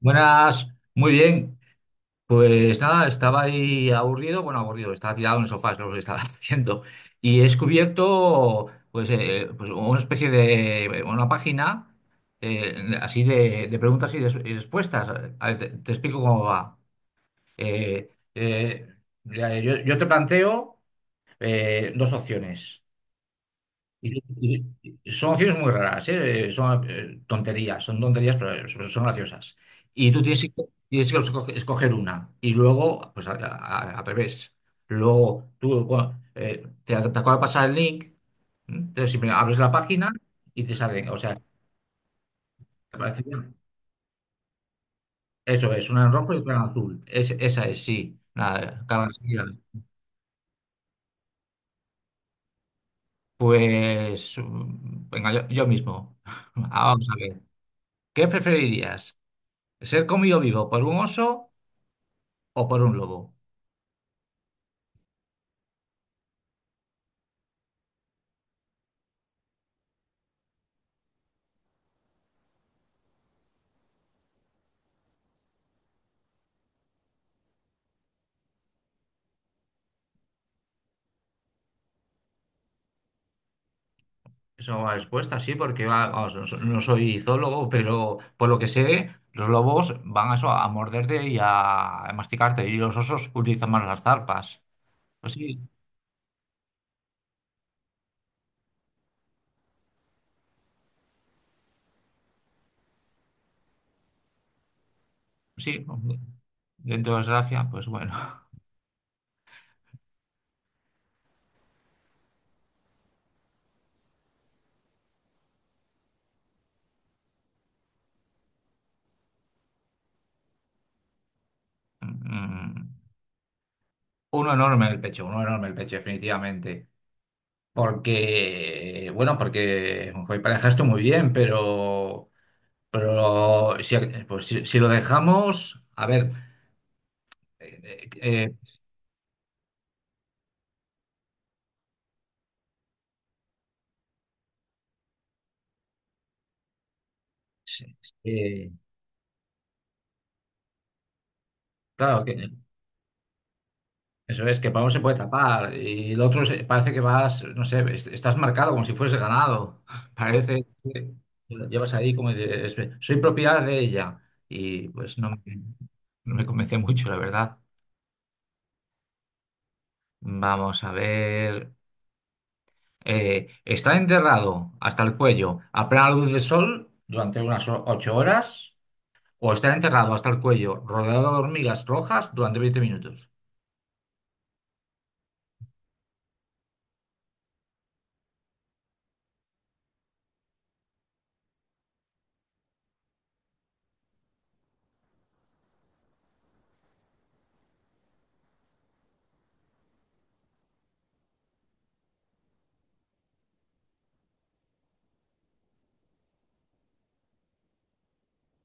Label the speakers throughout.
Speaker 1: Buenas, muy bien. Pues nada, estaba ahí aburrido, bueno, aburrido, estaba tirado en el sofá, es lo que estaba haciendo. Y he descubierto, pues, pues una especie de, una página eh, así de preguntas y, y respuestas. A ver, te explico cómo va. Eh, eh, mira, yo te planteo dos opciones. Y- y- y son acciones muy raras, ¿eh? Son tonterías, son tonterías, pero son graciosas. Y tú tienes que escoger una. Y luego, pues al revés. Luego tú bueno, te acaba de pasar el link, ¿m? Entonces siempre abres la página y te salen. O sea, te bien. Eso es, una en rojo y otra en azul. Esa es, sí. Nada, cada día. Pues venga, yo mismo. Ah, vamos a ver. ¿Qué preferirías? ¿Ser comido vivo por un oso o por un lobo? Eso va respuesta, sí, porque va, vamos, no, no soy zoólogo, pero por lo que sé, los lobos van a eso, a morderte y a masticarte, y los osos utilizan más las zarpas. Pues sí, sí, dentro de desgracia, pues bueno. Mm. Uno enorme el pecho, uno enorme el pecho, definitivamente. Porque, bueno, porque joder, parejaste muy bien, pero, pero si, pues si lo dejamos, a ver. eh, eh, eh, eh, eh, claro, que eso es, que Pablo se puede tapar y el otro parece que vas, no sé, estás marcado como si fuese ganado. Parece que lo llevas ahí como dices, soy propiedad de ella. Y pues no, no me convence mucho, la verdad. Vamos a ver. Está enterrado hasta el cuello a plena luz del sol durante unas 8 horas o está enterrado hasta el cuello rodeado de hormigas rojas durante 20 minutos.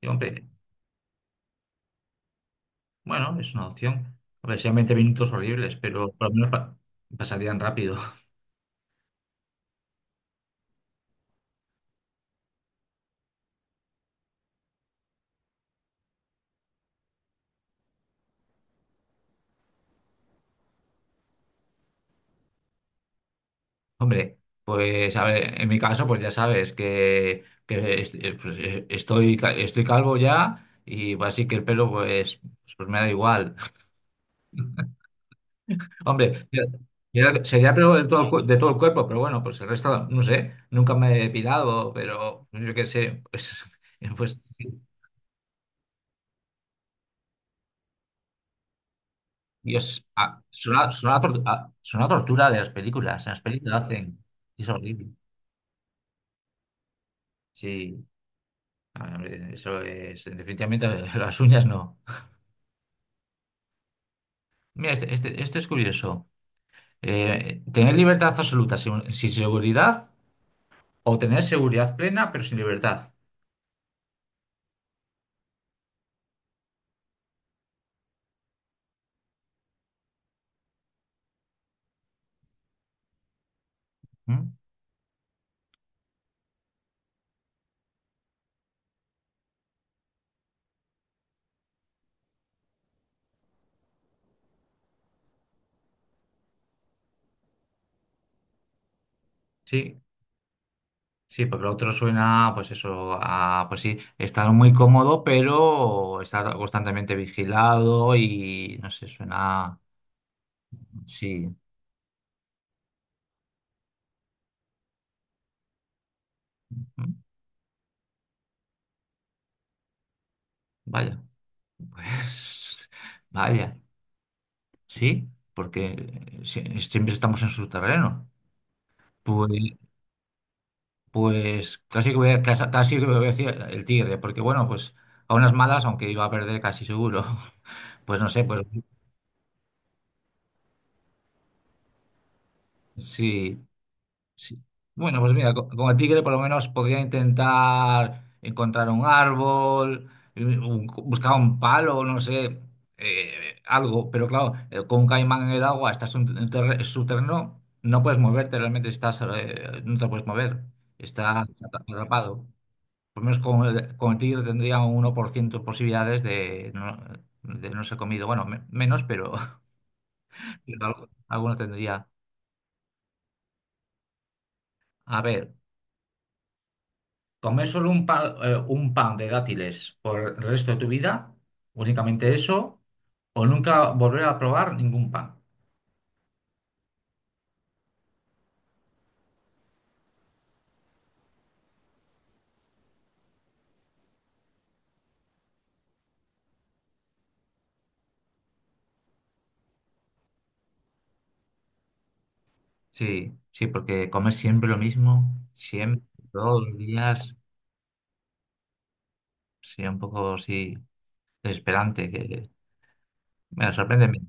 Speaker 1: Y, hombre, bueno, es una opción. A ver, sean 20 minutos horribles, pero por lo menos pasarían rápido. Hombre, pues a ver, en mi caso, pues ya sabes que pues, estoy calvo ya y pues, así que el pelo pues me da igual. Hombre, sería pelo de todo el cuerpo, pero bueno, pues el resto, no sé, nunca me he depilado, pero yo qué sé, pues, pues Dios, ah, suena a tortura de las películas. En las películas hacen. Es horrible. Sí, ah, hombre, eso es. Definitivamente las uñas no. Mira, este es curioso. Tener libertad absoluta sin seguridad o tener seguridad plena pero sin libertad. ¿Mm? Sí, sí, porque lo otro suena, pues eso, a, pues sí, estar muy cómodo pero estar constantemente vigilado y no sé, suena. Sí. ¿Mm? Vaya. Pues vaya, sí, porque siempre estamos en su terreno. Pues, pues casi que voy a decir el tigre, porque bueno, pues a unas malas, aunque iba a perder casi seguro. Pues no sé, pues sí. Sí. Bueno, pues mira, como tigre por lo menos podría intentar encontrar un árbol, buscar un palo, no sé, algo, pero claro, con un caimán en el agua estás en un subterráneo, no puedes moverte, realmente estás, no te puedes mover, estás atrapado. Por lo menos con el tigre tendría un 1% de posibilidades de no ser comido, bueno, menos, pero pero alguna tendría. A ver. Comer solo un pan de dátiles por el resto de tu vida, únicamente eso, o nunca volver a probar ningún pan. Sí, sí, porque comer siempre lo mismo, siempre, todos los días, sí, un poco sí, desesperante, que me sorprende.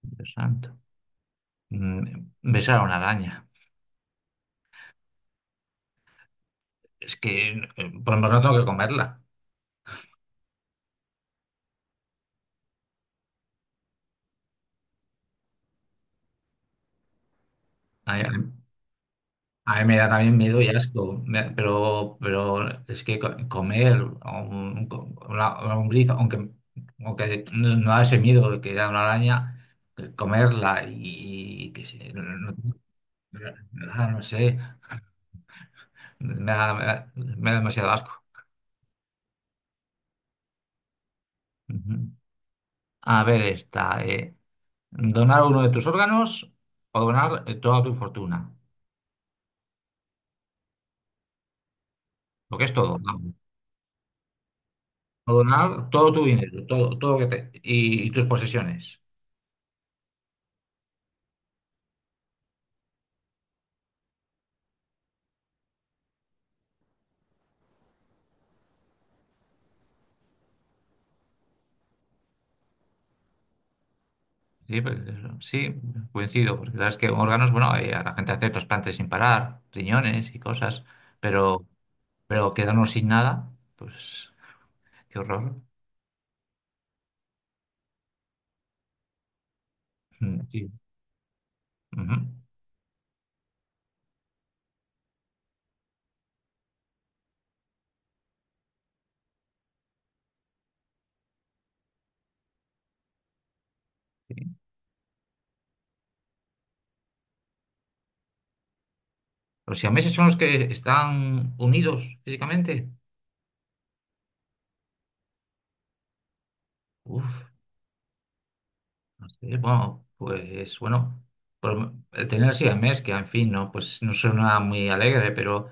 Speaker 1: Dios santo. Mm. Besar a una araña, es que pues no tengo que comerla. A mí me da también miedo y asco, pero es que comer un una lombriz, aunque no da ese miedo que da una araña, que comerla y, que se- no, no- no sé, me da demasiado asco. Ujú. A ver esta, donar uno de tus órganos o donar toda tu fortuna, lo que es todo, vamos. O donar todo tu dinero, todo, todo lo que y tus posesiones. Sí, pues, eso, sí, coincido, porque sabes que órganos, bueno, a la gente hace trasplantes sin parar, riñones y cosas, pero, pero quedarnos sin nada, pues qué horror. Mm, sí. Ujú, sí. Los siameses son los que están unidos físicamente. Uf, no sé, bueno, pues bueno, el tener siamés, que en fin, no, pues no suena muy alegre, pero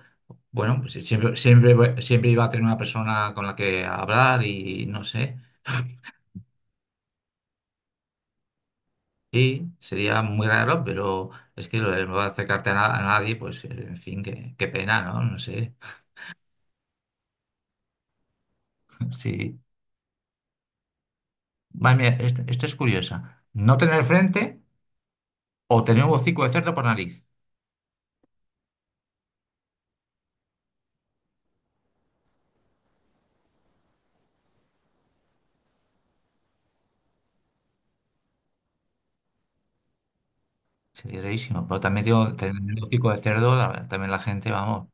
Speaker 1: bueno, pues siempre, siempre, siempre iba a tener una persona con la que hablar y no sé. Sí, sería muy raro, pero es que lo de no acercarte a, a nadie, pues en fin, qué pena, ¿no? No sé. Sí. Madre mía, esta es curiosa. No tener frente o tener un hocico de cerdo por nariz. Sería rarísimo. Pero también tengo tener un hocico de cerdo, también la gente, vamos.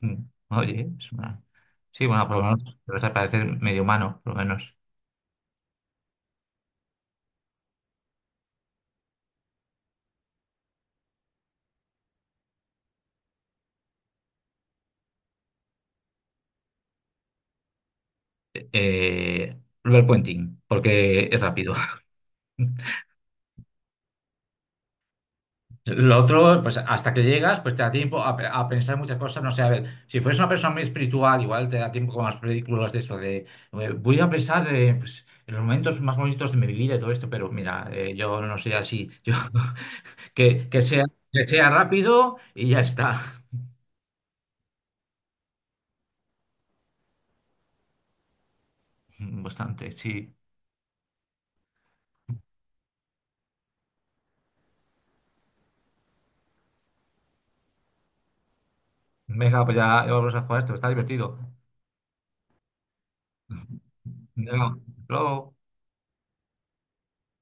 Speaker 1: mm, Oye, es una. Sí, bueno, por lo menos te vas a parecer medio humano, por lo menos. Lo puenting, porque es rápido. Lo otro, pues hasta que llegas, pues te da tiempo a, a pensar muchas cosas. No sé, a ver, si fueras una persona muy espiritual, igual te da tiempo con las películas de eso, de voy a pensar pues, en los momentos más bonitos de mi vida y todo esto, pero mira, yo no soy así. Yo, que, que sea, que sea rápido y ya está. Bastante, sí. Venga, pues ya vamos a jugar esto, está divertido. Venga, hasta luego.